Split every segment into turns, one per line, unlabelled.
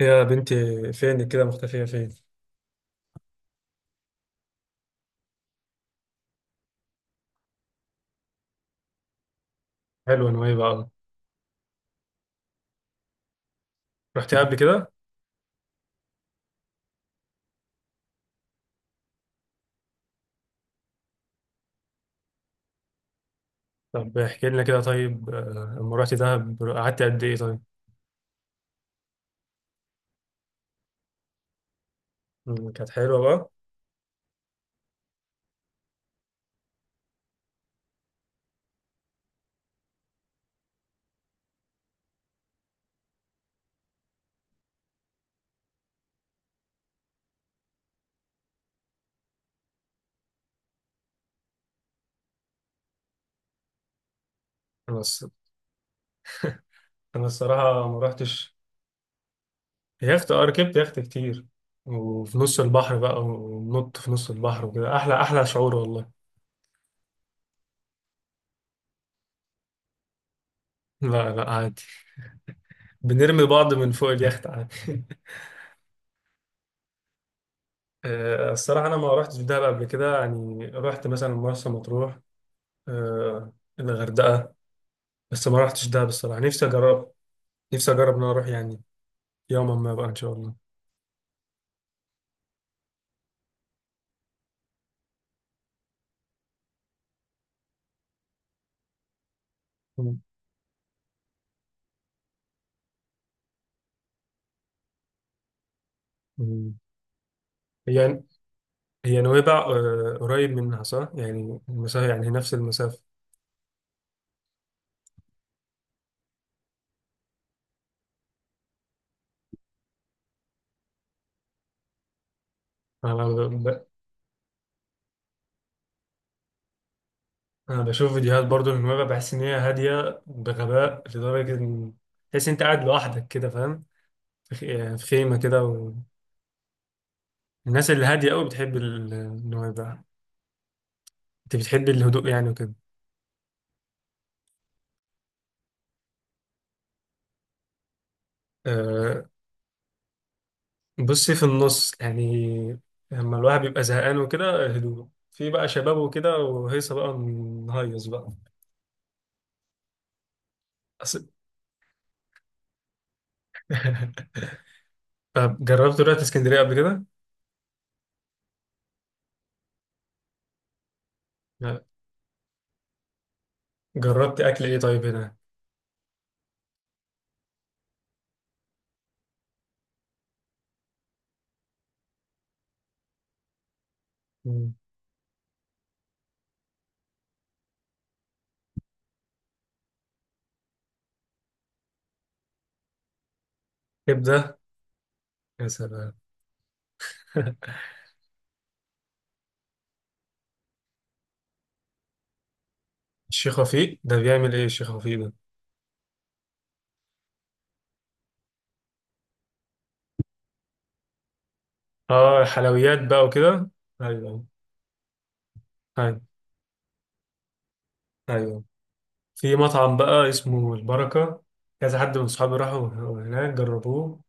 يا بنتي، فين كده مختفية فين؟ حلوة نويبع أوي. رحتي قبل كده؟ طب احكي لنا كده، طيب. لما رحتي دهب قعدتي قد إيه طيب؟ كانت حلوة بقى؟ أنا الص- أنا الصراحة ما رحتش. يخت؟ ركبت يخت كتير، وفي نص البحر بقى ونط في نص البحر وكده. أحلى أحلى شعور والله. لا، لا، عادي. بنرمي بعض من فوق اليخت عادي. الصراحة أنا ما رحتش دهب قبل كده، يعني رحت مثلا مرسى مطروح، آه، الغردقة. بس ما رحتش ده، بصراحة نفسي أجرب إن أنا أروح يعني. يوما ما بقى إن شاء الله. مم. مم. هي هي نويبع قريب منها، صح؟ يعني المسافة، يعني هي نفس المسافة. أنا ب... ب... أنا بشوف فيديوهات برضو من نويبع، بحس إن هي هادية بغباء لدرجة إن تحس إن أنت قاعد لوحدك كده، فاهم؟ يعني في خيمة كده. والناس اللي هادية أوي بتحب نويبع. أنت بتحب الهدوء يعني وكده. آه، بصي في النص يعني. لما الواحد بيبقى زهقان وكده، هدوء، في بقى شباب وكده وهيصة بقى، نهيص بقى. أصل- طب جربت، رحت اسكندرية قبل كده؟ لا. جربت أكل إيه طيب هنا؟ مم. كبدة؟ يا سلام. الشيخ وفيق ده بيعمل إيه، الشيخ وفيق ده؟ حلويات بقى وكده. أيوه. أيوه. أيوه. في مطعم بقى اسمه البركة. كذا حد من صحابي راحوا هناك جربوه.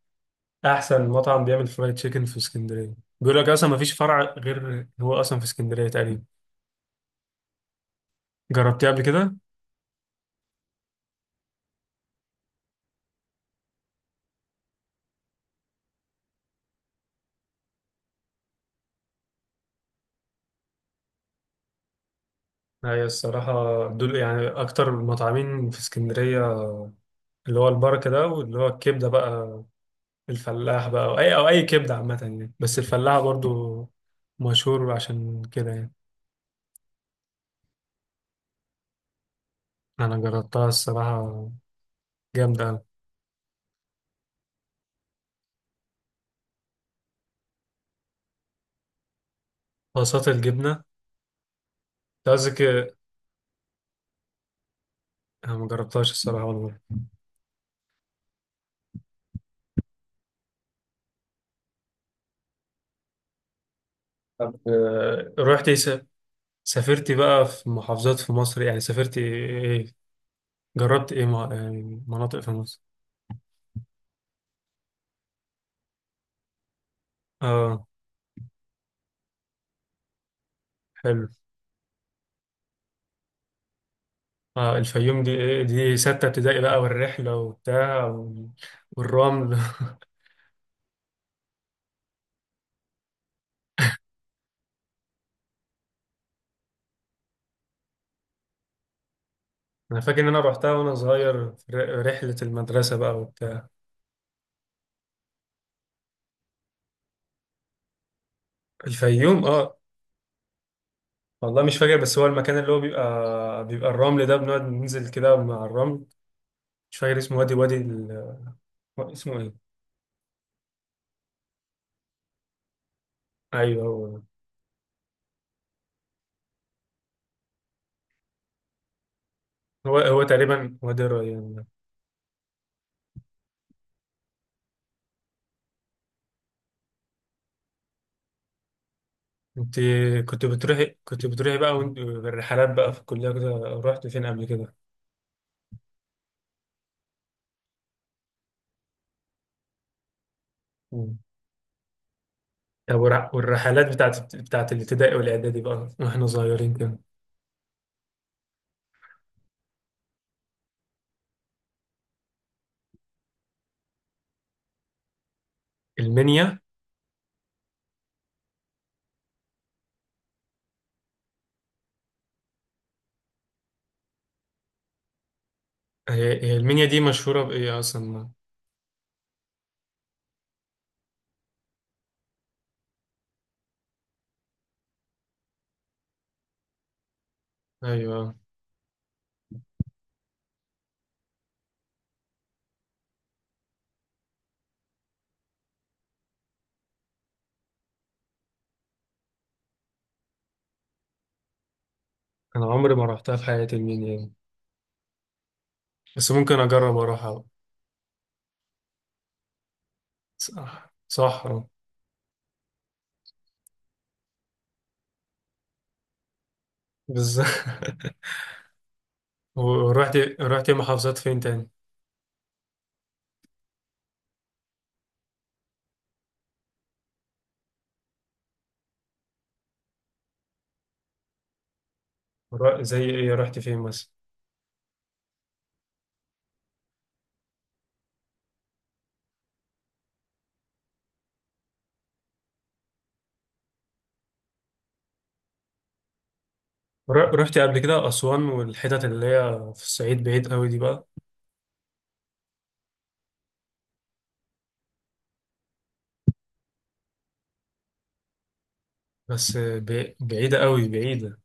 احسن مطعم بيعمل فرايد تشيكن في اسكندريه. بيقول لك اصلا ما فيش فرع غير هو اصلا في اسكندريه تقريبا. جربتيه قبل كده؟ هي الصراحه، دول يعني اكتر المطعمين في اسكندريه. اللي هو البركه ده واللي هو الكبده بقى، الفلاح بقى، او اي كبده عامه يعني، بس الفلاح برضو مشهور عشان كده يعني. انا جربتها الصراحه، جامده أوي. طاسات الجبنه؟ أنت قصدك إيه؟ أنا ما جربتهاش الصراحه والله. طب رحت، سافرتي بقى في محافظات في مصر، يعني سافرتي ايه إيه، جربت ايه يعني مناطق في مصر. اه. حلو. اه الفيوم دي إيه؟ دي ستة ابتدائي بقى والرحلة وبتاع والرمل. انا فاكر ان انا رحتها وانا صغير في رحلة المدرسة بقى وبتاع. الفيوم، اه. والله مش فاكر، بس هو المكان اللي هو بيبقى الرمل ده بنقعد ننزل كده مع الرمل. مش فاكر اسمه، وادي، وادي اسمه ايه؟ ايوه هو تقريبا وادي الريان. انت كنت بتروحي بقى بالرحلات بقى في الكلية كده. رحت فين قبل كده؟ مم. طب والرحلات بتاعت الابتدائي والإعدادي بقى واحنا صغيرين كده. المنيا. هي المنيا دي مشهورة بإيه أصلا؟ أيوه. أنا عمري ما رحتها في حياتي المنيا دي. بس ممكن أجرب أروحها بقى. صح، صحرا. بالظبط. ورحت محافظات فين تاني؟ زي إيه، رحت فين مثلا؟ رحت قبل كده أسوان والحتت اللي هي في الصعيد بعيد قوي دي بقى؟ بس بعيدة قوي، بعيدة.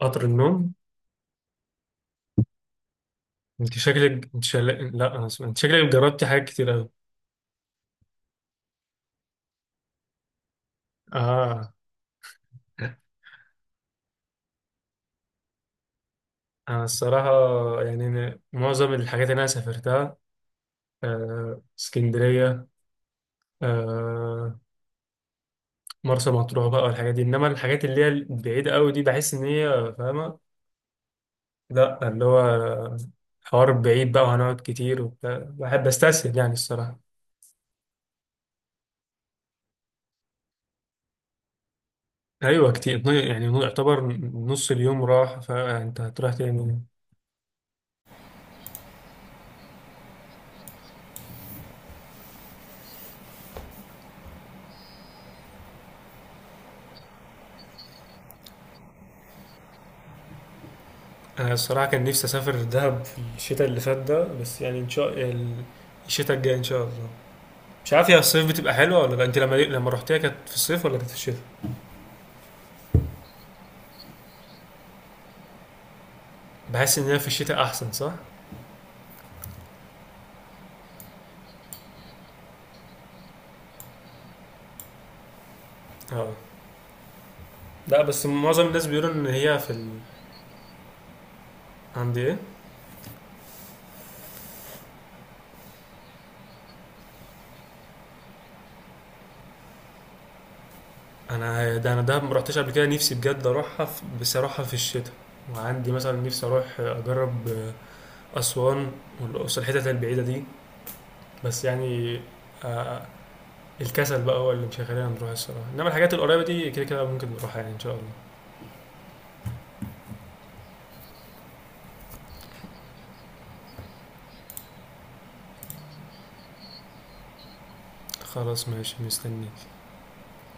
قطر النوم؟ انت شكلك، لا أنا اسف، انت شكلك جربتي حاجات كتير قوي. اه. انا الصراحة، يعني أنا معظم الحاجات اللي انا سافرتها اسكندرية، آه، مرسى مطروح بقى والحاجات دي. انما الحاجات اللي هي البعيدة قوي دي بحس ان هي فاهمة. لا، اللي هو حوار بعيد بقى وهنقعد كتير وبتاع. بحب استسهل يعني الصراحة. ايوه كتير، يعني يعتبر نص اليوم راح، فانت هتروح تاني. انا الصراحه كان نفسي اسافر دهب في الشتاء اللي فات ده، بس يعني الشتاء الجاي ان شاء الله. مش عارف هي الصيف بتبقى حلوه ولا لا. انت لما رحتيها كانت في الصيف ولا كانت في الشتاء؟ بحس ان هي في الشتاء احسن، صح؟ اه، لا بس معظم الناس بيقولوا ان هي في عند ايه؟ انا ده، انا دهب ما رحتش قبل كده. نفسي بجد اروحها بس اروحها في الشتاء. وعندي مثلا نفسي اروح اجرب اسوان والاقصر، الحتت البعيده دي. بس يعني آه، الكسل بقى هو اللي مش هيخلينا نروح الصراحة. انما الحاجات القريبة دي كده كده ممكن نروحها يعني ان شاء الله. خلاص، ماشي، مستنيك.